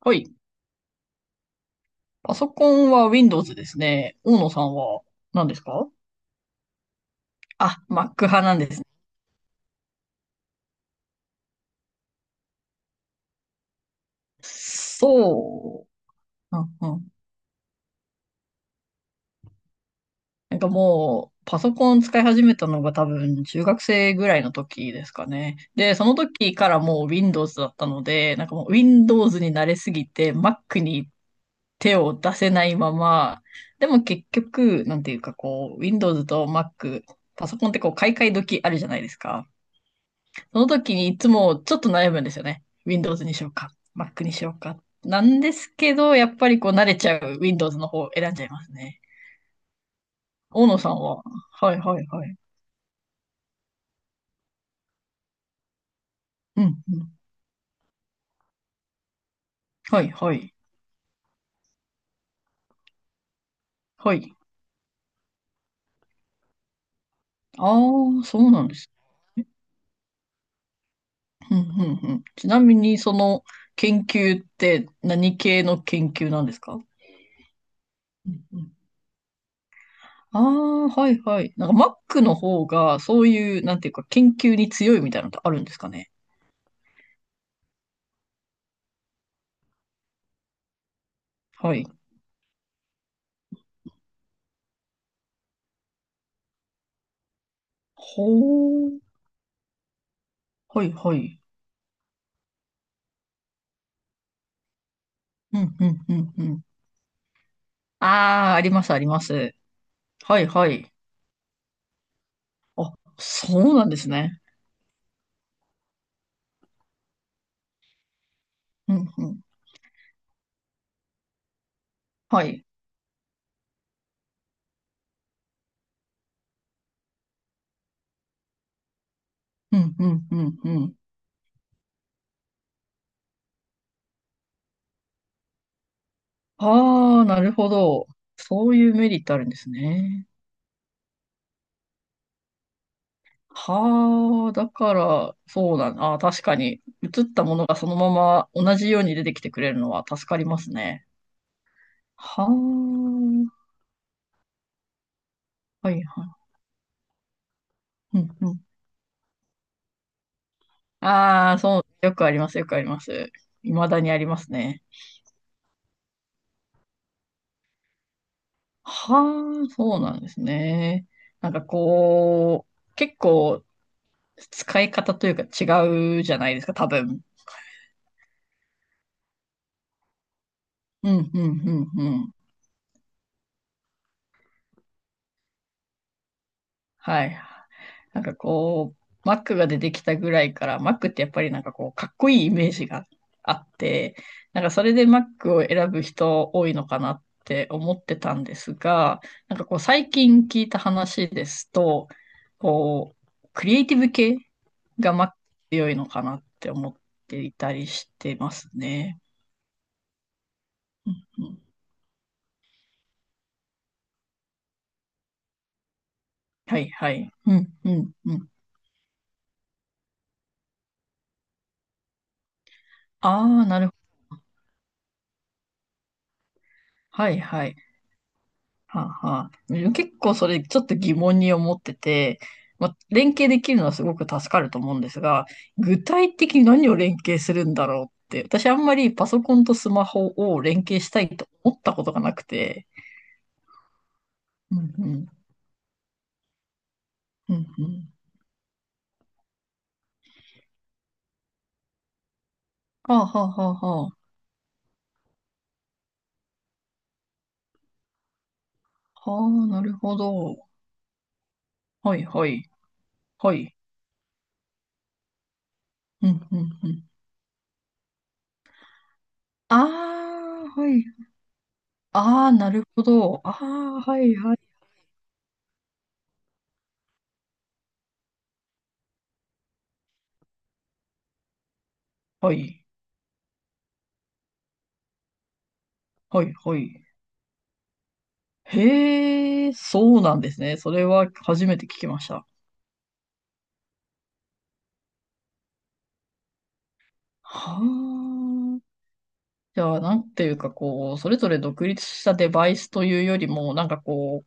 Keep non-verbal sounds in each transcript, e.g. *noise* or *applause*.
はい。パソコンは Windows ですね。大野さんは？何ですか？あ、Mac 派なんですね。そう。うんうん。なんかもう、パソコン使い始めたのが多分中学生ぐらいの時ですかね。で、その時からもう Windows だったので、なんかもう Windows に慣れすぎて Mac に手を出せないまま、でも結局、なんていうかこう、Windows と Mac、パソコンってこう買い替え時あるじゃないですか。その時にいつもちょっと悩むんですよね。Windows にしようか、Mac にしようか。なんですけど、やっぱりこう慣れちゃう Windows の方を選んじゃいますね。大野さんは？はいはいはい。うんうん。はいはい。はい。ああ、そうなんです。うんうんうん。ちなみにその研究って何系の研究なんですか？うんうん。ああ、はいはい。なんか Mac の方がそういう、なんていうか研究に強いみたいなのってあるんですかね。はい。ほう。はいはい。うん、うん、うん、うん。ああ、あります、あります。はい、はい。そうなんですね。うん、うん。はい。うん、うん、うん、うん。ああ、なるほど。そういうメリットあるんですね。はあ、だから、そうだな。確かに、映ったものがそのまま同じように出てきてくれるのは助かりますね。はあ、はいはい。うんうん。ああ、そう、よくあります、よくあります。未だにありますね。はあ、そうなんですね。なんかこう、結構使い方というか違うじゃないですか、多分。うん、うん、うん、うん。はい。なんかこう、Mac が出てきたぐらいから、Mac ってやっぱりなんかこう、かっこいいイメージがあって、なんかそれで Mac を選ぶ人多いのかなって思ってたんですが、なんかこう、最近聞いた話ですと、こう、クリエイティブ系が Mac 強いのかなって思っていたりしてますね。うん、はいはい。うんうんうん。ああ、なるほど。はいはい。はあはあ、でも結構それちょっと疑問に思ってて、まあ、連携できるのはすごく助かると思うんですが、具体的に何を連携するんだろうって、私あんまりパソコンとスマホを連携したいと思ったことがなくて。うんうん。うんうん。はあはあはあはあ。はあ、なるほど。はいはい。はい。うんうんうん。ああ、はい。ああ、なるほど。ああ、はいはい。はい。はいはい。へえ、そうなんですね。それは初めて聞きました。はあ。じゃあ、なんていうか、こう、それぞれ独立したデバイスというよりも、なんかこう、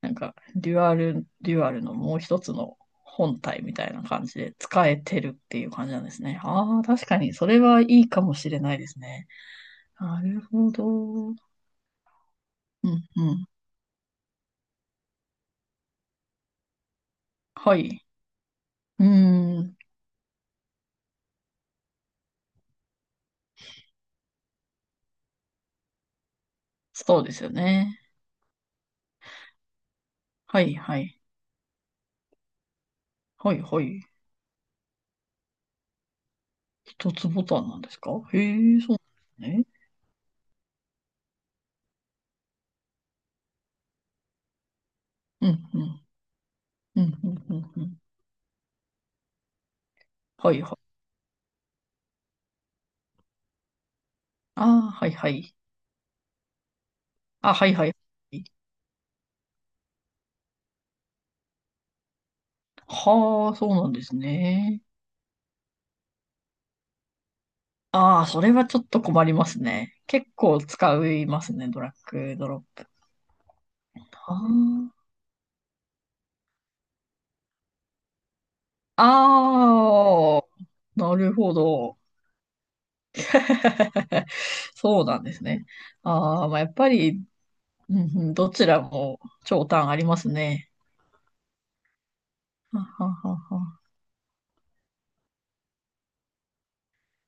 なんか、デュアルのもう一つの本体みたいな感じで使えてるっていう感じなんですね。ああ、確かに、それはいいかもしれないですね。なるほど。うん、うん。はい。うーん、そうですよね。はい、はい。はい、はい。一つボタンなんですか？へえ、そうなんですね。うん、うん、うん、うん、うん。うん、はいはい。ああ、はいはい。あ、はいはい。はあ、そうなんですね。ああ、それはちょっと困りますね。結構使いますね、ドラッグドロップ。ああ、ああ、なるほど。*laughs* そうなんですね。ああ、まあ、やっぱり、うんうん、どちらも長短ありますね。はははは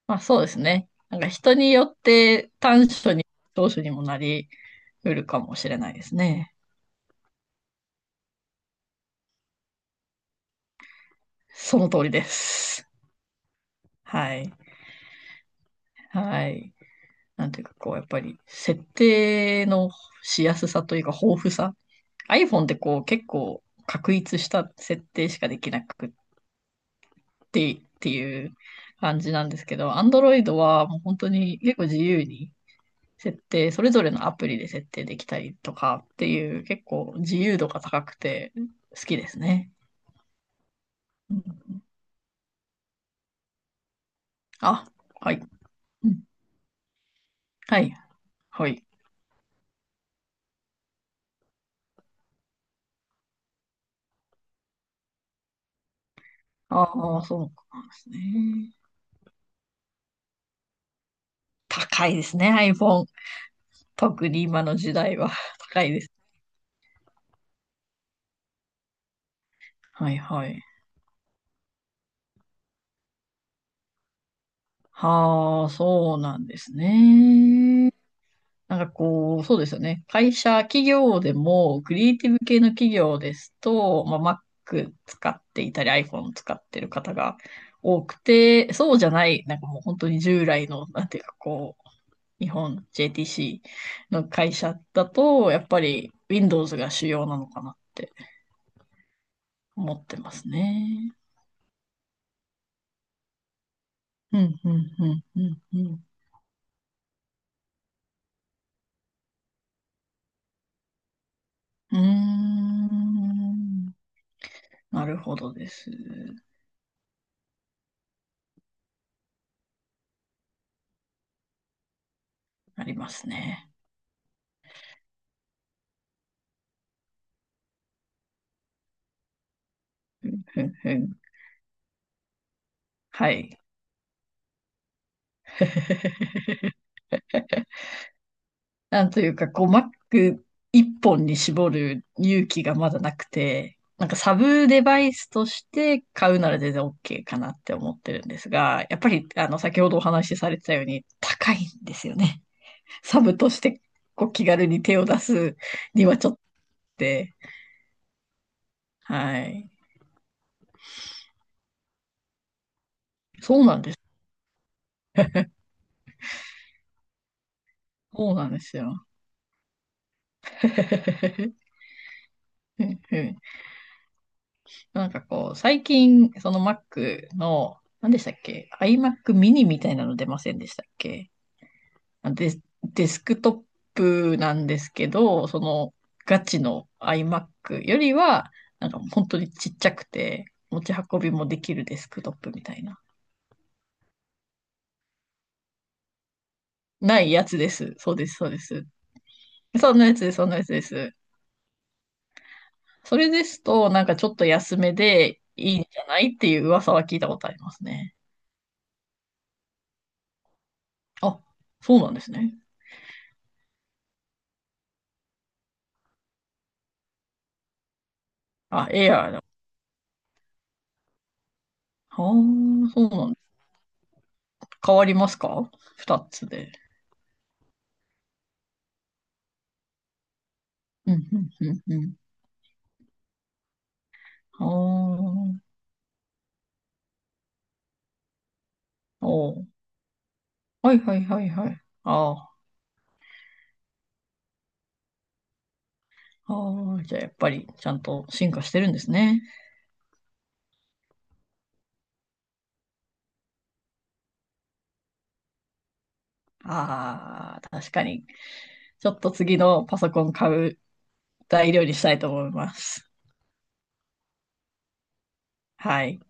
まあそうですね。なんか人によって短所に長所にもなり得るかもしれないですね。その通りです。はい。はい。なんていうかこう、やっぱり設定のしやすさというか豊富さ。iPhone ってこう結構確立した設定しかできなくってっていう感じなんですけど、Android はもう本当に結構自由に設定、それぞれのアプリで設定できたりとかっていう、結構自由度が高くて好きですね。うん、あ、はい。うん、はい。はい。ああ、そうなんですね。高いですね、iPhone。特に今の時代は *laughs* 高いです。はいはい。はあ、そうなんですね。なんかこう、そうですよね。会社、企業でも、クリエイティブ系の企業ですと、まあ、Mac 使っていたり、iPhone 使ってる方が多くて、そうじゃない、なんかもう本当に従来の、なんていうかこう、日本 JTC の会社だと、やっぱり Windows が主要なのかなって思ってますね。うん、うん、うん、うん、うん。うーん、なるほどです。ありますね。ふんふん。はい。なんというか、こう、Mac 一本に絞る勇気がまだなくて、なんかサブデバイスとして買うなら全然 OK かなって思ってるんですが、やっぱり、あの、先ほどお話しされてたように高いんですよね。サブとして、こう、気軽に手を出すにはちょっとって、はい。そうなんです。そうなんですよ。うんうん、なんかこう、最近、その Mac の、何でしたっけ？ iMac mini みたいなの出ませんでしたっけ？デスクトップなんですけど、そのガチの iMac よりは、なんか本当にちっちゃくて、持ち運びもできるデスクトップみたいな。ないやつです。そうです、そうです。そんなやつです、そんなやつです。それですと、なんかちょっと安めでいいんじゃないっていう噂は聞いたことありますね。あ、そうなんですね。あ、エアーだ。ああ、そうなんだ。変わりますか、二つで？うん、うん、うん、うん。ああ、お、はいはいはいはい。ああ、ああ、じゃあやっぱりちゃんと進化してるんですね。ああ、確かに。ちょっと次のパソコン買う材料にしたいと思います。はい。